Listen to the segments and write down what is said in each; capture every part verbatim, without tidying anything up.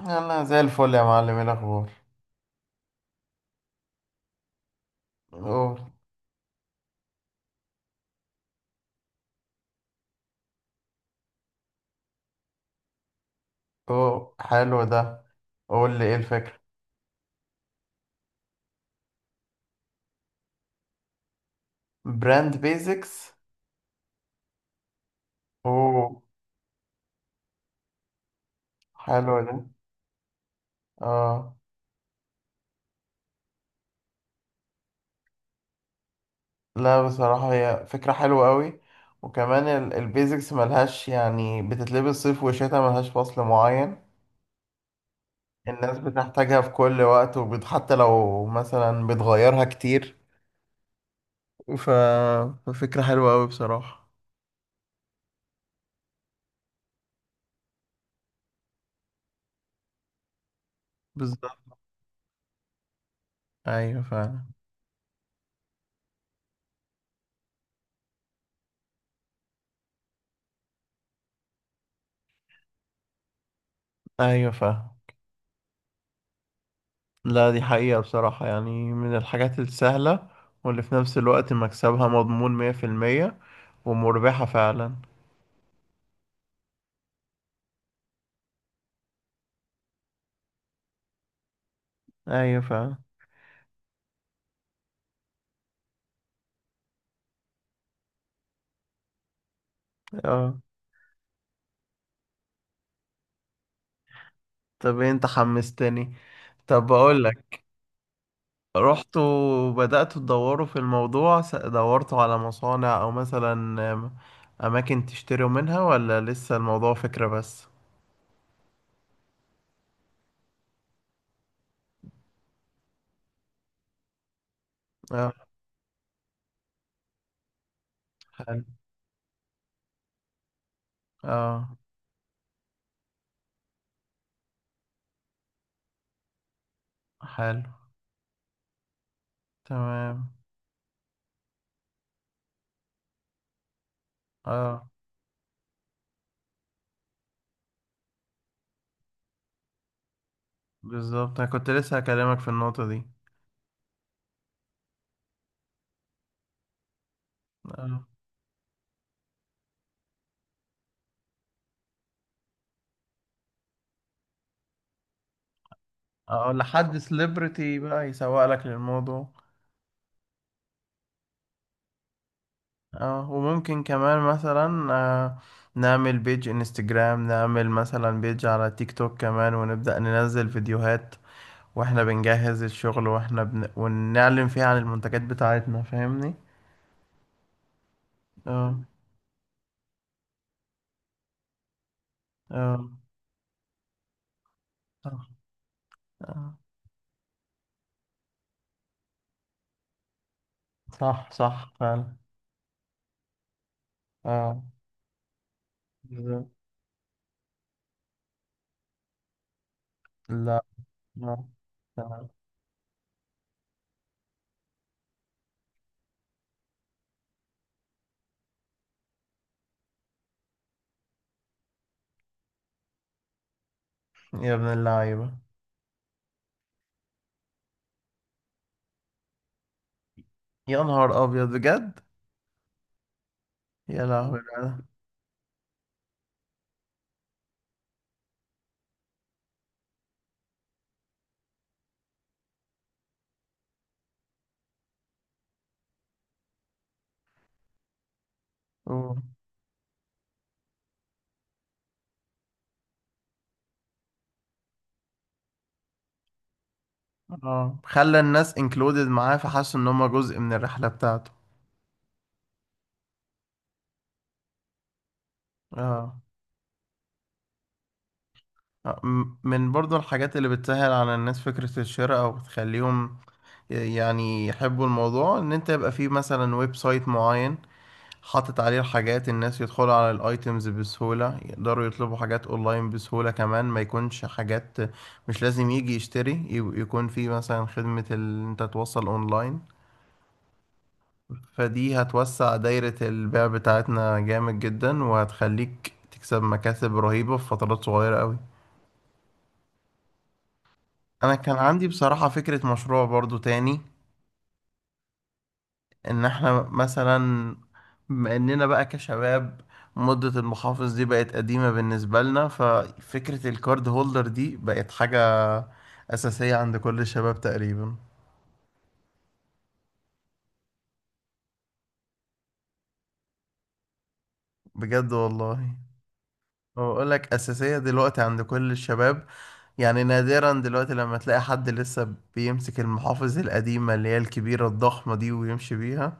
انا زي الفل يا معلم، ايه الاخبار؟ أهو. اوه. اوه، حلو ده. قول لي ايه الفكره. براند بيزكس. اوه، حلو ده. اه. لا بصراحه هي فكره حلوه قوي. وكمان ال- البيزكس ملهاش، يعني بتتلبس صيف وشتاء، ملهاش فصل معين. الناس بتحتاجها في كل وقت، وبت- حتى لو مثلا بتغيرها كتير. ف... ففكره حلوه قوي بصراحه. بالظبط. ايوه فاهم. ايوه فاهم. لا دي حقيقة بصراحة، يعني من الحاجات السهلة. واللي في نفس الوقت مكسبها مضمون مية في المية. ومربحة فعلا. أيوة فعلا. اه. طب إيه، انت حمستني. طب بقولك، رحتوا وبدأتوا تدوروا في الموضوع، س- دورتوا على مصانع أو مثلا آم، أماكن تشتروا منها، ولا لسه الموضوع فكرة بس؟ اه، حلو. اه، حلو. تمام. اه، بالظبط، أنا كنت لسه هكلمك في النقطة دي. اه. اه، لحد سليبرتي بقى يسوق لك للموضوع. اه، وممكن كمان مثلا آه نعمل بيج انستجرام، نعمل مثلا بيج على تيك توك كمان، ونبدأ ننزل فيديوهات واحنا بنجهز الشغل، واحنا بن... ونعلن فيها عن المنتجات بتاعتنا، فاهمني. اه. اه. صح. آه. صح صح فعلا. اه. بالظبط. لا. آه. تمام. يا ابن اللعيبة. يا نهار أبيض بجد. يا لهوي. لا. اه، خلى الناس انكلودد معاه، فحسوا ان هم جزء من الرحلة بتاعته. اه. آه، م- من برضو الحاجات اللي بتسهل على الناس فكرة الشراء، او بتخليهم ي- يعني يحبوا الموضوع، ان انت يبقى فيه مثلا ويب سايت معين، حاطط عليه الحاجات، الناس يدخلوا على الايتمز بسهولة، يقدروا يطلبوا حاجات اونلاين بسهولة كمان، ما يكونش حاجات مش لازم يجي يشتري، ي- يكون فيه مثلا خدمة ال- انت توصل اونلاين. فدي هتوسع دايرة البيع بتاعتنا جامد جدا، وهتخليك تكسب مكاسب رهيبة في فترات صغيرة قوي. أنا كان عندي بصراحة فكرة مشروع برضو تاني. إن إحنا مثلا بما إننا بقى كشباب، مدة المحافظ دي بقت قديمة بالنسبة لنا، ففكرة الكارد هولدر دي بقت حاجة أساسية عند كل الشباب تقريبا. بجد والله. بقول لك أساسية دلوقتي عند كل الشباب. يعني نادرا دلوقتي لما تلاقي حد لسه بيمسك المحافظ القديمة اللي هي الكبيرة الضخمة دي ويمشي بيها.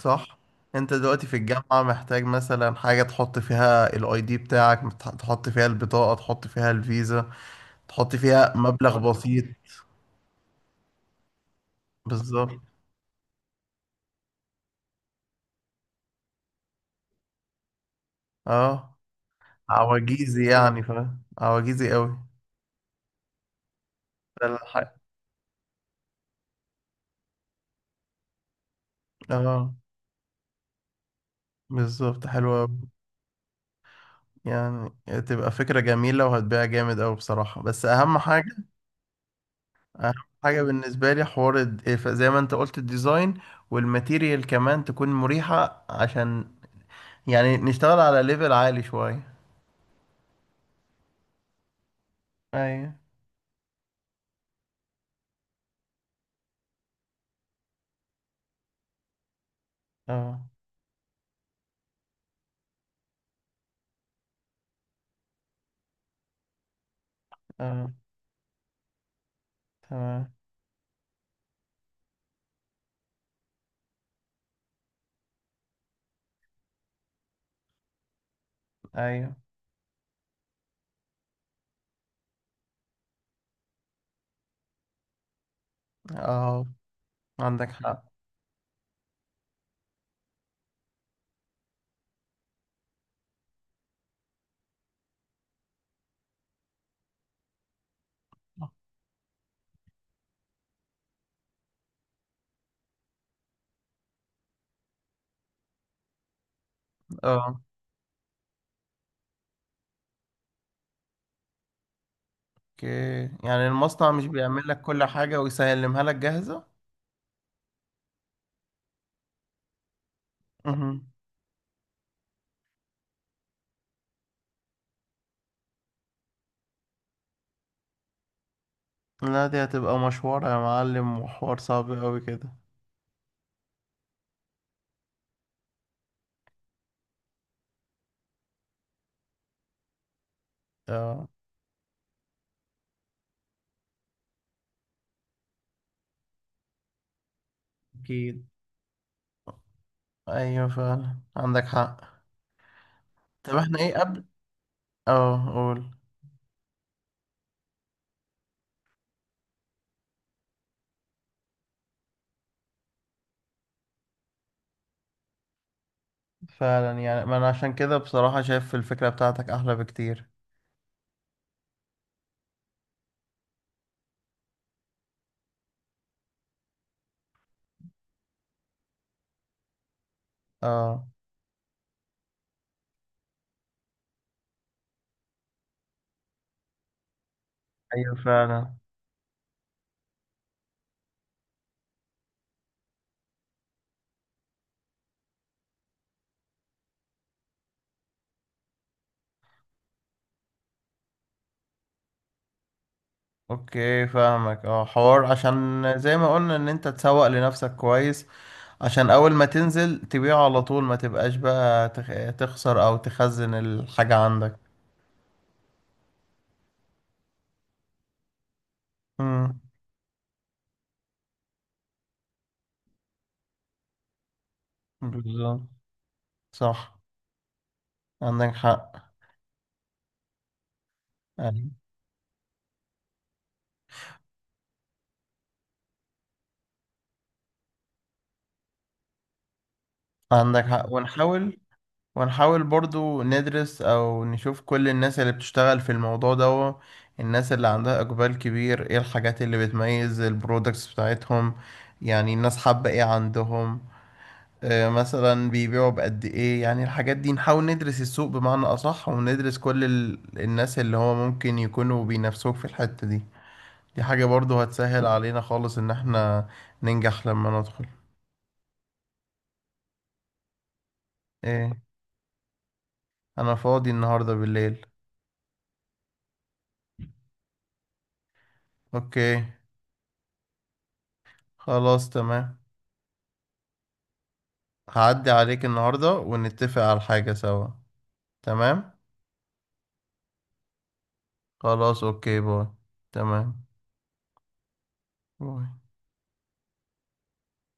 صح؟ انت دلوقتي في الجامعة محتاج مثلا حاجة تحط فيها الاي دي بتاعك، مت- تحط فيها البطاقة، تحط فيها الفيزا، تحط فيها مبلغ بسيط. بالظبط. اه. عواجيزي يعني، فاهم؟ عواجيزي قوي. فالح- اه، بالظبط، حلوة. يعني تبقى فكرة جميلة وهتبيع جامد أوي بصراحة، بس أهم حاجة. أهم حاجة بالنسبة لي حوار الد- ف- زي ما أنت قلت الديزاين والماتيريال، كمان تكون مريحة عشان يعني نشتغل على ليفل عالي شوية. أيوة. أه. أه. تمام. أيوة. أه، عندك حق. أه، أوكي، يعني المصنع مش بيعمل لك كل حاجة ويسلمها لك جاهزة. مهم. لا دي هتبقى مشوار يا معلم، وحوار صعب أوي كده. أه. أكيد. ايوه فعلا، عندك حق. طب احنا ايه قبل. اه قول. فعلا، يعني ما انا عشان كده بصراحة شايف الفكرة بتاعتك احلى بكتير. اه. ايوه فعلا. اوكي فاهمك، اه، حوار عشان زي ما قلنا ان انت تسوق لنفسك كويس، عشان اول ما تنزل تبيعه على طول، ما تبقاش بقى تخ- تخسر او تخزن الحاجة عندك. امم. بالظبط. صح. عندك حق. أيوة. عندك حق ونحاول، ونحاول برضو ندرس او نشوف كل الناس اللي بتشتغل في الموضوع ده، الناس اللي عندها اقبال كبير، ايه الحاجات اللي بتميز البرودكتس بتاعتهم، يعني الناس حابة ايه عندهم. آه، مثلا بيبيعوا بقد ايه، يعني الحاجات دي نحاول ندرس السوق بمعنى اصح، وندرس كل ال... الناس اللي هو ممكن يكونوا بينافسوك في الحتة دي. دي حاجة برضو هتسهل علينا خالص ان احنا ننجح لما ندخل. ايه. انا فاضي النهاردة بالليل. اوكي، خلاص تمام. هعدي عليك النهاردة ونتفق على حاجة سوا. تمام. خلاص، اوكي، باي. تمام. باي.